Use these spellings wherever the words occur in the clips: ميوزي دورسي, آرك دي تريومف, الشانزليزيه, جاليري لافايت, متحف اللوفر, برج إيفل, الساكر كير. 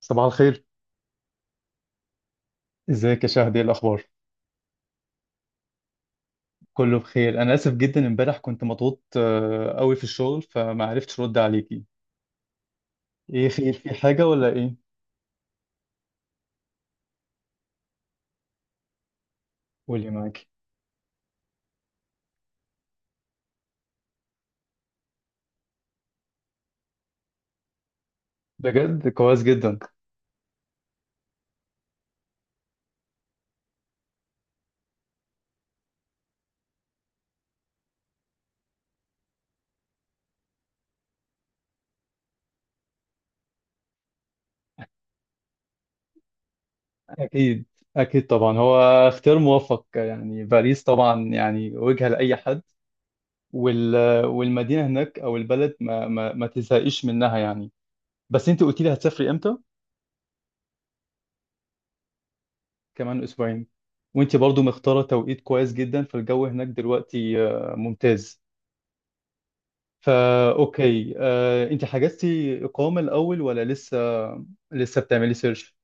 صباح الخير. ازيك يا شهد؟ ايه الاخبار؟ كله بخير. انا اسف جدا، امبارح كنت مضغوط قوي في الشغل فما عرفتش ارد عليكي. ايه خير، في حاجه ولا ايه؟ قولي معاكي. بجد كويس جدا. اكيد، اكيد طبعا، هو اختيار موفق يعني. باريس طبعا يعني وجهه لاي حد، وال... والمدينه هناك او البلد ما تزهقيش منها يعني. بس انت قلتي لي هتسافري امتى؟ كمان اسبوعين. وانت برضو مختاره توقيت كويس جدا، فالجو هناك دلوقتي ممتاز. فا اوكي، انت حجزتي اقامه الاول ولا لسه؟ لسه بتعملي سيرش؟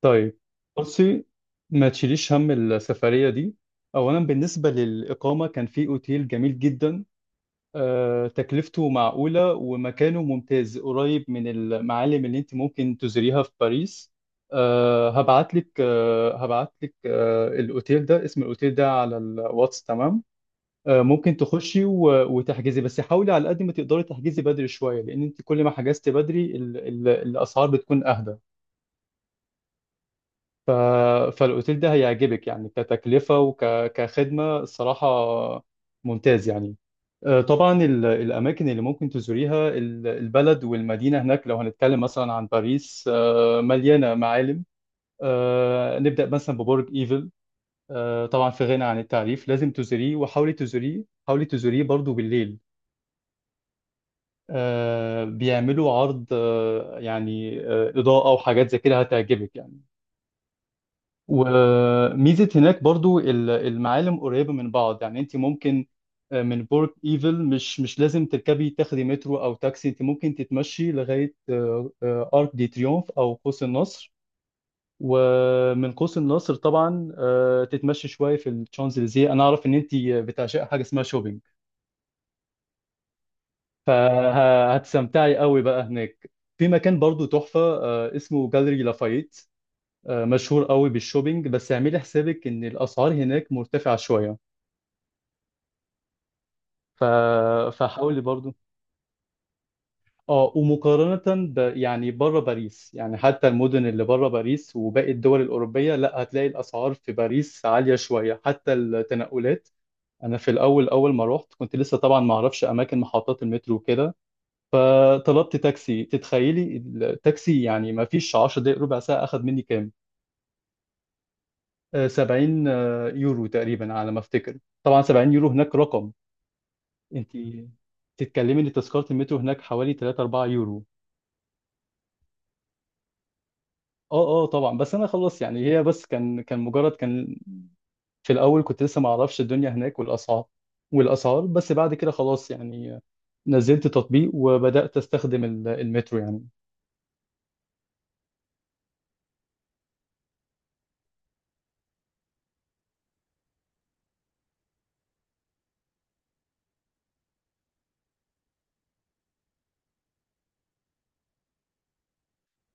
طيب بصي، ما تشيليش هم السفريه دي. اولا بالنسبه للاقامه كان في اوتيل جميل جدا، تكلفته معقوله ومكانه ممتاز قريب من المعالم اللي انت ممكن تزوريها في باريس. هبعت لك الاوتيل ده، اسم الاوتيل ده على الواتس، تمام؟ ممكن تخشي وتحجزي، بس حاولي على قد ما تقدري تحجزي بدري شوية، لأن أنت كل ما حجزتي بدري الأسعار بتكون أهدى. ف... فالأوتيل ده هيعجبك يعني، كتكلفة وكخدمة الصراحة ممتاز يعني. طبعا الأماكن اللي ممكن تزوريها، البلد والمدينة هناك، لو هنتكلم مثلا عن باريس مليانة معالم. نبدأ مثلا ببرج إيفل، طبعا في غنى عن التعريف، لازم تزوريه، وحاولي تزوريه حاولي تزوريه برضو بالليل. بيعملوا عرض إضاءة وحاجات زي كده هتعجبك يعني. وميزة هناك برضو المعالم قريبة من بعض، يعني انت ممكن من برج ايفل مش لازم تركبي تاخدي مترو او تاكسي، انت ممكن تتمشي لغاية آرك دي تريومف او قوس النصر. ومن قوس النصر طبعا تتمشي شوية في الشانزليزيه. انا اعرف ان انت بتعشق حاجة اسمها شوبينج، فهتستمتعي قوي بقى هناك. في مكان برضو تحفة اسمه جاليري لافايت، مشهور قوي بالشوبينج، بس اعملي حسابك ان الاسعار هناك مرتفعة شوية. ف... فحاولي برضو. اه، ومقارنة يعني بره باريس، يعني حتى المدن اللي بره باريس وباقي الدول الأوروبية، لا، هتلاقي الأسعار في باريس عالية شوية، حتى التنقلات. أنا في الأول، أول ما رحت كنت لسه طبعا ما أعرفش أماكن محطات المترو وكده، فطلبت تاكسي. تتخيلي التاكسي، يعني ما فيش 10 دقايق ربع ساعة، أخذ مني كام؟ 70 يورو تقريبا على ما أفتكر. طبعا 70 يورو هناك رقم. أنت تتكلمي إن تذكرة المترو هناك حوالي 3 4 يورو. أه أه طبعا، بس أنا خلاص يعني، هي بس كان مجرد، كان في الأول كنت لسه ما أعرفش الدنيا هناك والأسعار. بس بعد كده خلاص يعني، نزلت تطبيق وبدأت أستخدم المترو يعني.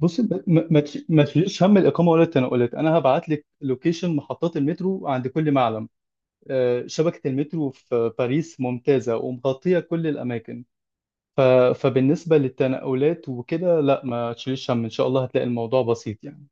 بص، ما تشيلش هم الاقامه ولا التنقلات، انا هبعت لك لوكيشن محطات المترو عند كل معلم. شبكه المترو في باريس ممتازه ومغطيه كل الاماكن، فبالنسبه للتنقلات وكده لا، ما تشيلش هم، ان شاء الله هتلاقي الموضوع بسيط يعني.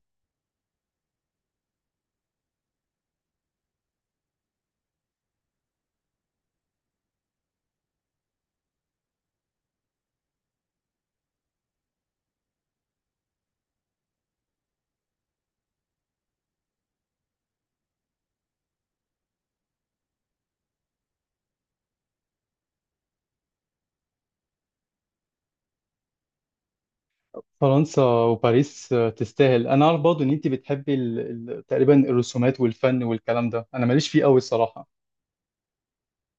فرنسا وباريس تستاهل. انا عارف برضه ان انت بتحبي تقريبا الرسومات والفن والكلام ده، انا ماليش فيه قوي الصراحه.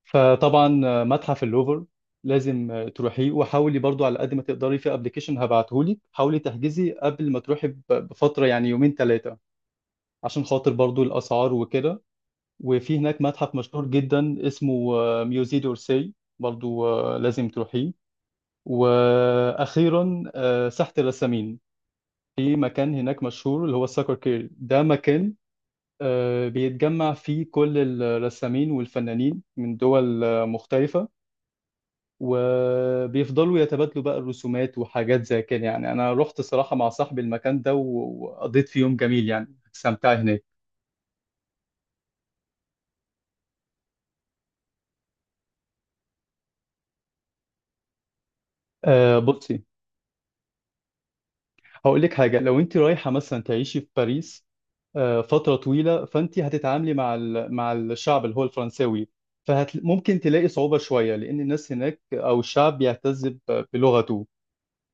فطبعا متحف اللوفر لازم تروحيه، وحاولي برضو على قد ما تقدري في ابلكيشن هبعتهولك، حاولي تحجزي قبل ما تروحي بفترة يعني يومين ثلاثة، عشان خاطر برضو الاسعار وكده. وفي هناك متحف مشهور جدا اسمه ميوزي دورسي، برضو لازم تروحيه. واخيرا ساحة الرسامين، في مكان هناك مشهور اللي هو الساكر كير، ده مكان بيتجمع فيه كل الرسامين والفنانين من دول مختلفة، وبيفضلوا يتبادلوا بقى الرسومات وحاجات زي كده. يعني انا رحت صراحة مع صاحبي المكان ده وقضيت فيه يوم جميل يعني، استمتعت هناك. آه بصي، هقول لك حاجة. لو انت رايحة مثلا تعيشي في باريس آه فترة طويلة، فانت هتتعاملي مع مع الشعب اللي هو الفرنساوي، فممكن تلاقي صعوبة شوية لأن الناس هناك أو الشعب بيعتز بلغته.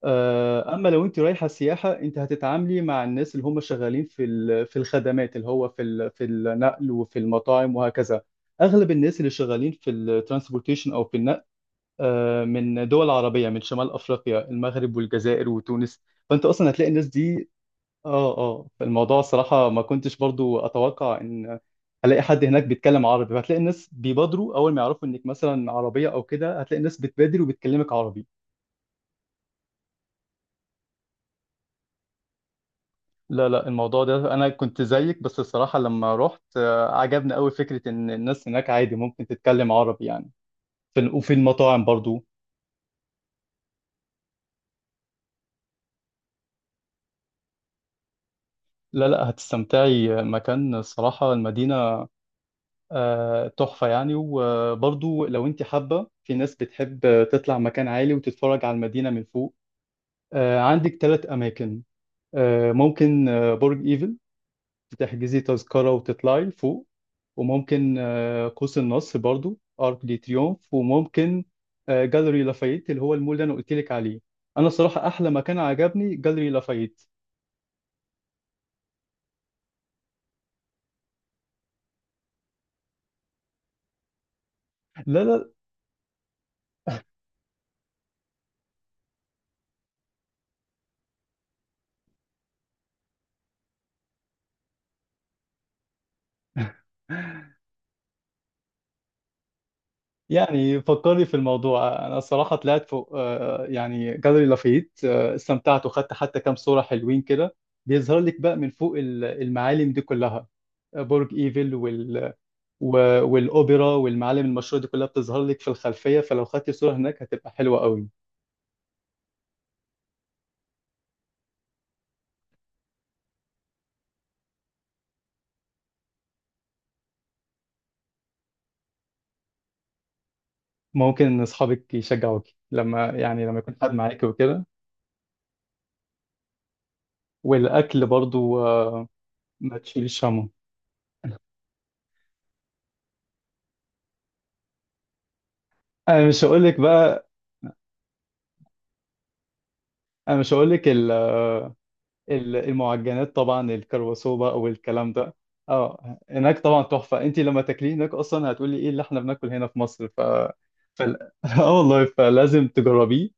اما لو انت رايحه سياحه، انت هتتعاملي مع الناس اللي هم شغالين في في الخدمات، اللي هو في في النقل وفي المطاعم وهكذا. اغلب الناس اللي شغالين في الترانسبورتيشن او في النقل من دول عربيه، من شمال افريقيا، المغرب والجزائر وتونس، فانت اصلا هتلاقي الناس دي. اه اه، فالموضوع صراحه ما كنتش برضو اتوقع ان هلاقي حد هناك بيتكلم عربي، فهتلاقي الناس بيبادروا اول ما يعرفوا انك مثلا عربيه او كده، هتلاقي الناس بتبادر وبتكلمك عربي. لا لا، الموضوع ده انا كنت زيك، بس الصراحه لما رحت عجبني قوي فكره ان الناس هناك عادي ممكن تتكلم عربي يعني، في وفي المطاعم برضو. لا لا، هتستمتعي. مكان الصراحه المدينه تحفه يعني. وبرضو لو انت حابه، في ناس بتحب تطلع مكان عالي وتتفرج على المدينه من فوق، عندك ثلاث اماكن. آه، ممكن آه، برج ايفل تحجزي تذكرة وتطلعي لفوق، وممكن قوس النصر برضو ارك دي تريومف، وممكن جاليري لافايت اللي هو المول اللي انا قلت لك عليه. انا صراحة احلى مكان عجبني جاليري لافايت. لا لا يعني فكرني في الموضوع. انا صراحة طلعت فوق يعني جاليري لافايت، استمتعت وخدت حتى كام صورة حلوين كده، بيظهر لك بقى من فوق المعالم دي كلها، برج ايفل والاوبرا والمعالم المشهوره دي كلها بتظهر لك في الخلفيه، فلو خدتي صوره هناك هتبقى حلوه قوي. ممكن ان اصحابك يشجعوك، لما يكون حد معاكي وكده. والاكل برضو ما تشيليش همه. انا مش هقول لك بقى، انا مش هقول لك ال- آه، ال- المعجنات طبعا، الكرواسو بقى والكلام ده، اه هناك طبعا تحفه. انت لما تاكليه هناك اصلا هتقولي ايه اللي احنا بناكل هنا في مصر. فال- اه والله، فلازم تجربيه.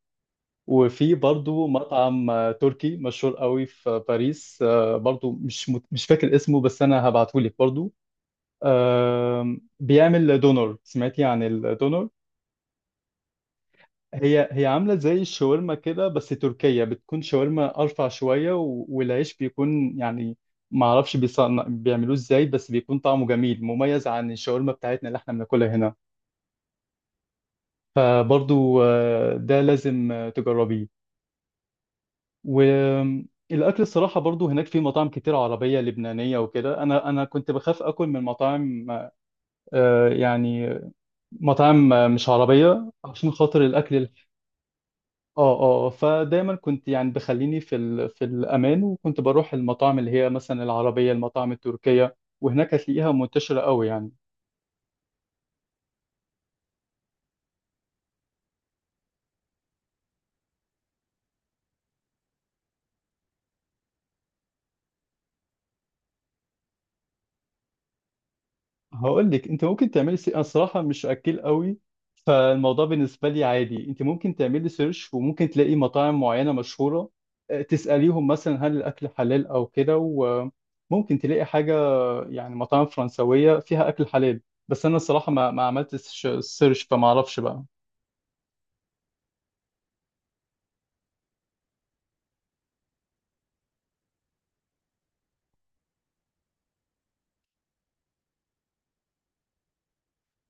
وفي برضو مطعم تركي مشهور قوي في باريس، برضو مش فاكر اسمه بس انا هبعته لك برضو. بيعمل دونر. سمعتي عن الدونر؟ هي عامله زي الشاورما كده بس تركيه، بتكون شاورما ارفع شويه والعيش بيكون يعني ما اعرفش بيعملوه ازاي، بس بيكون طعمه جميل مميز عن الشاورما بتاعتنا اللي احنا بناكلها هنا، فبرضو ده لازم تجربيه. والاكل الصراحه برضو هناك في مطاعم كتير عربيه لبنانيه وكده. انا كنت بخاف اكل من مطاعم آه، يعني مطاعم مش عربيه عشان خاطر الاكل اه اه، فدايما كنت يعني بخليني في الامان، وكنت بروح المطاعم اللي هي مثلا العربيه، المطاعم التركيه، وهناك هتلاقيها منتشره قوي يعني. هقول لك، انت ممكن تعملي انا صراحه مش اكل قوي، فالموضوع بالنسبه لي عادي. انت ممكن تعملي سيرش وممكن تلاقي مطاعم معينه مشهوره، تساليهم مثلا هل الاكل حلال او كده، وممكن تلاقي حاجه يعني مطاعم فرنسويه فيها اكل حلال. بس انا الصراحه ما عملتش سيرش فما اعرفش بقى.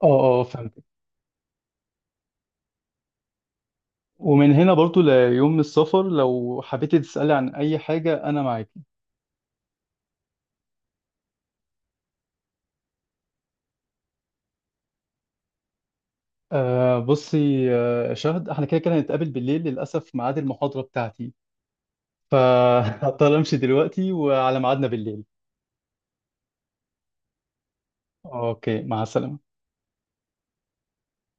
اه اه، فهمت. ومن هنا برضو ليوم السفر لو حبيتي تسالي عن اي حاجه انا معاك. آه بصي، آه شهد، احنا كده كده هنتقابل بالليل. للاسف ميعاد المحاضره بتاعتي، فهضطر امشي دلوقتي، وعلى ميعادنا بالليل. اوكي، مع السلامة.